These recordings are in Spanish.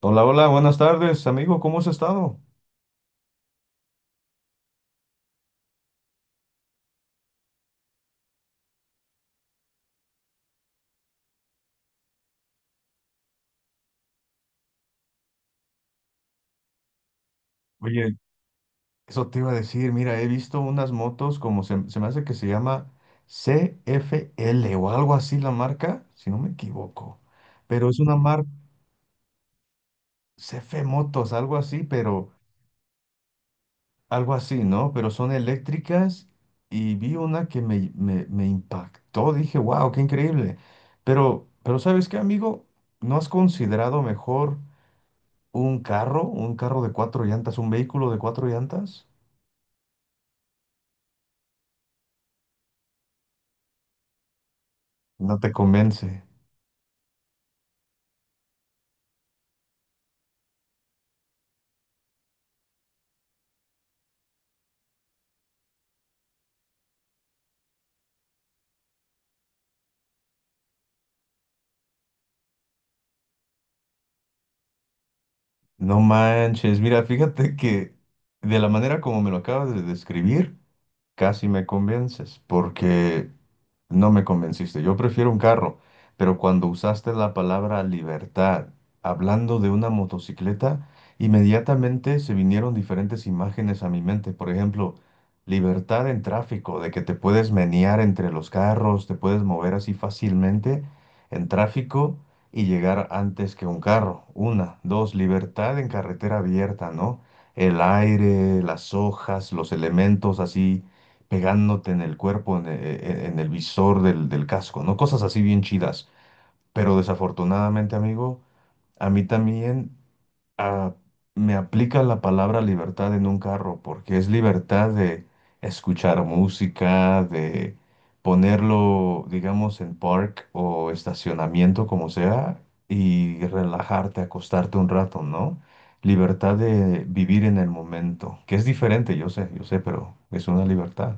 Hola, hola, buenas tardes, amigo, ¿cómo has estado? Oye, eso te iba a decir, mira, he visto unas motos como se me hace que se llama C F L o algo así la marca, si no me equivoco, pero es una marca C F Motos, algo así, pero algo así, ¿no? Pero son eléctricas y vi una que me impactó, dije, wow, qué increíble, pero ¿sabes qué, amigo? ¿No has considerado mejor un carro de cuatro llantas, un vehículo de cuatro llantas? No te convence. No manches. Mira, fíjate que de la manera como me lo acabas de describir, casi me convences, porque no me convenciste. Yo prefiero un carro, pero cuando usaste la palabra libertad, hablando de una motocicleta, inmediatamente se vinieron diferentes imágenes a mi mente. Por ejemplo, libertad en tráfico, de que te puedes menear entre los carros, te puedes mover así fácilmente en tráfico y llegar antes que un carro. Una, dos, libertad en carretera abierta, ¿no? El aire, las hojas, los elementos así pegándote en el cuerpo, en el visor del casco, ¿no? Cosas así bien chidas. Pero desafortunadamente, amigo, a mí también ah, me aplica la palabra libertad en un carro, porque es libertad de escuchar música, de ponerlo, digamos, en park o estacionamiento, como sea, y relajarte, acostarte un rato, ¿no? Libertad de vivir en el momento, que es diferente, yo sé, pero es una libertad.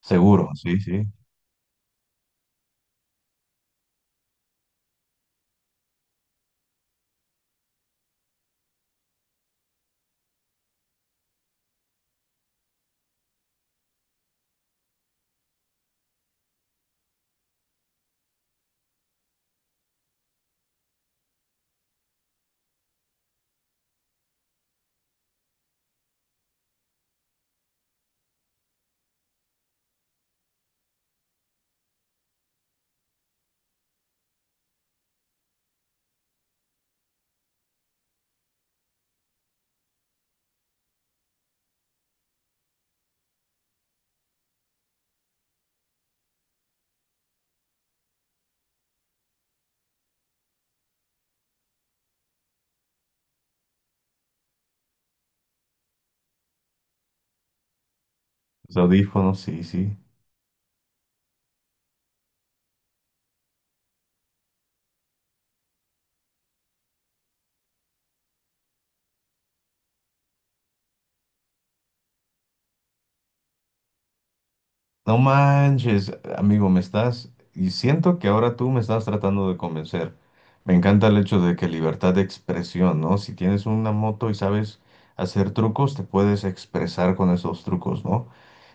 Seguro, sí, sí. Los audífonos, sí, sí. No manches, amigo, me estás, y siento que ahora tú me estás tratando de convencer. Me encanta el hecho de que libertad de expresión, ¿no? Si tienes una moto y sabes hacer trucos, te puedes expresar con esos trucos, ¿no?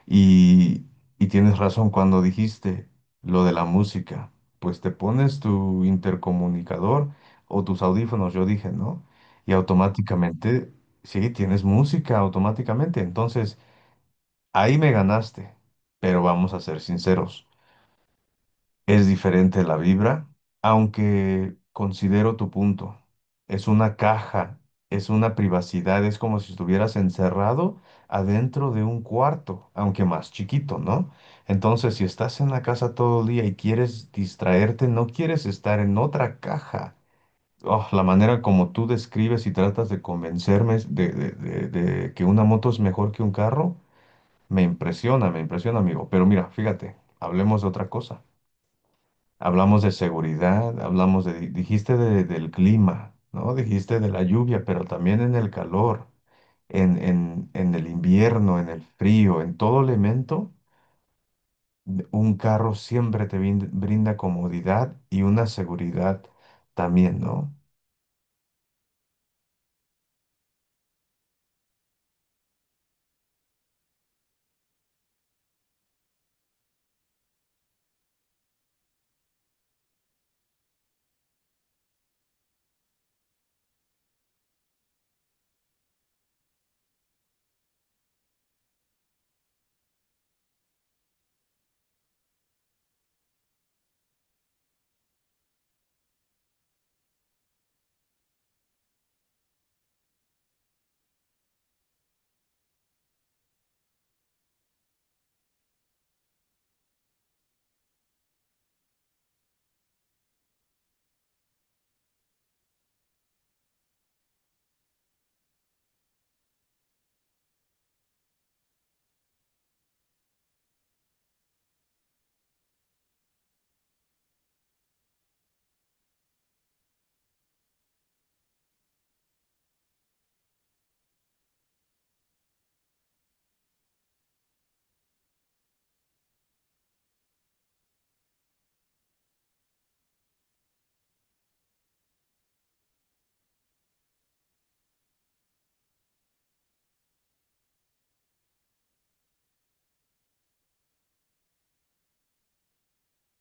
Y, y tienes razón cuando dijiste lo de la música. Pues te pones tu intercomunicador o tus audífonos, yo dije, ¿no? Y automáticamente, sí, tienes música automáticamente. Entonces... Ahí me ganaste, pero vamos a ser sinceros, es diferente la vibra, aunque considero tu punto. Es una caja, es una privacidad, es como si estuvieras encerrado adentro de un cuarto, aunque más chiquito, ¿no? Entonces, si estás en la casa todo el día y quieres distraerte, no quieres estar en otra caja. Oh, la manera como tú describes y tratas de convencerme de que una moto es mejor que un carro. Me impresiona, amigo. Pero mira, fíjate, hablemos de otra cosa. Hablamos de seguridad, hablamos de, dijiste del clima, ¿no? Dijiste de la lluvia, pero también en el calor, en el invierno, en el frío, en todo elemento, un carro siempre te brinda comodidad y una seguridad también, ¿no?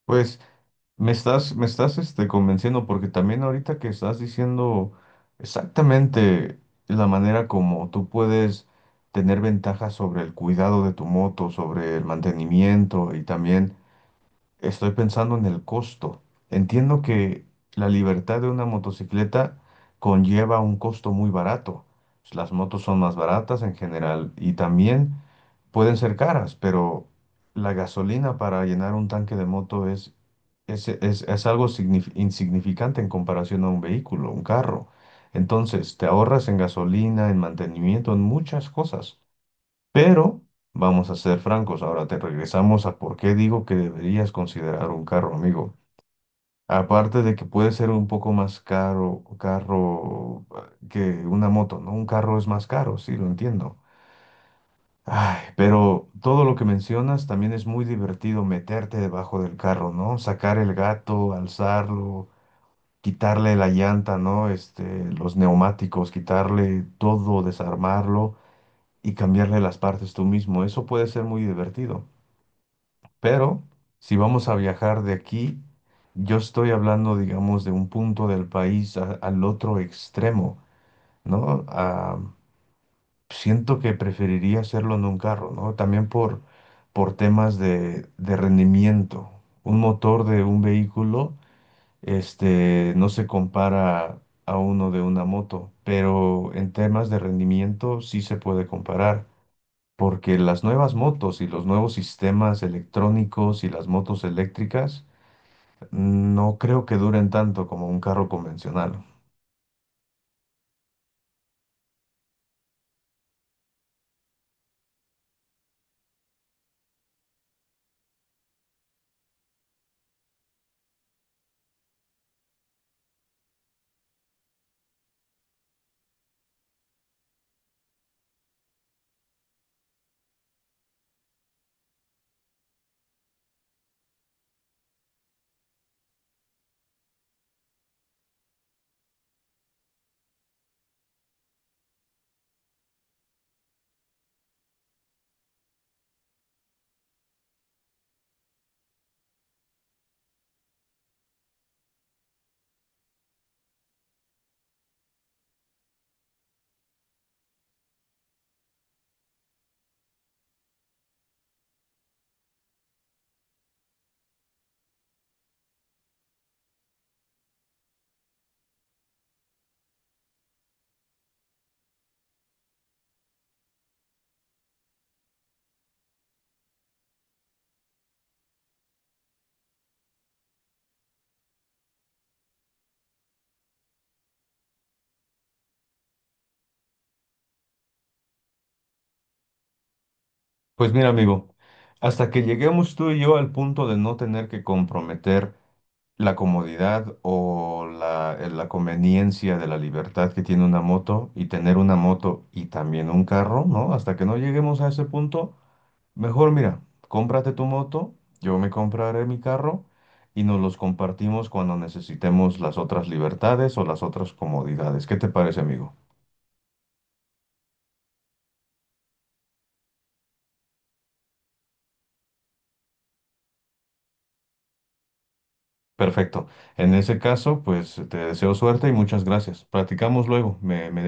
Pues me estás, convenciendo porque también ahorita que estás diciendo exactamente la manera como tú puedes tener ventajas sobre el cuidado de tu moto, sobre el mantenimiento y también estoy pensando en el costo. Entiendo que la libertad de una motocicleta conlleva un costo muy barato. Las motos son más baratas en general y también pueden ser caras, pero la gasolina para llenar un tanque de moto es algo insignificante en comparación a un vehículo, un carro. Entonces, te ahorras en gasolina, en mantenimiento, en muchas cosas. Pero, vamos a ser francos, ahora te regresamos a por qué digo que deberías considerar un carro, amigo. Aparte de que puede ser un poco más caro, carro que una moto, ¿no? Un carro es más caro, sí, lo entiendo. Ay, pero todo lo que mencionas también es muy divertido meterte debajo del carro, ¿no? Sacar el gato, alzarlo, quitarle la llanta, ¿no? Este, los neumáticos, quitarle todo, desarmarlo y cambiarle las partes tú mismo. Eso puede ser muy divertido. Pero si vamos a viajar de aquí, yo estoy hablando, digamos, de un punto del país al otro extremo, ¿no? Siento que preferiría hacerlo en un carro, ¿no? También por temas de rendimiento. Un motor de un vehículo, este, no se compara a uno de una moto, pero en temas de rendimiento sí se puede comparar, porque las nuevas motos y los nuevos sistemas electrónicos y las motos eléctricas no creo que duren tanto como un carro convencional. Pues mira, amigo, hasta que lleguemos tú y yo al punto de no tener que comprometer la comodidad o la, la conveniencia de la libertad que tiene una moto y tener una moto y también un carro, ¿no? Hasta que no lleguemos a ese punto, mejor mira, cómprate tu moto, yo me compraré mi carro y nos los compartimos cuando necesitemos las otras libertades o las otras comodidades. ¿Qué te parece, amigo? Perfecto. En ese caso, pues te deseo suerte y muchas gracias. Platicamos luego. Me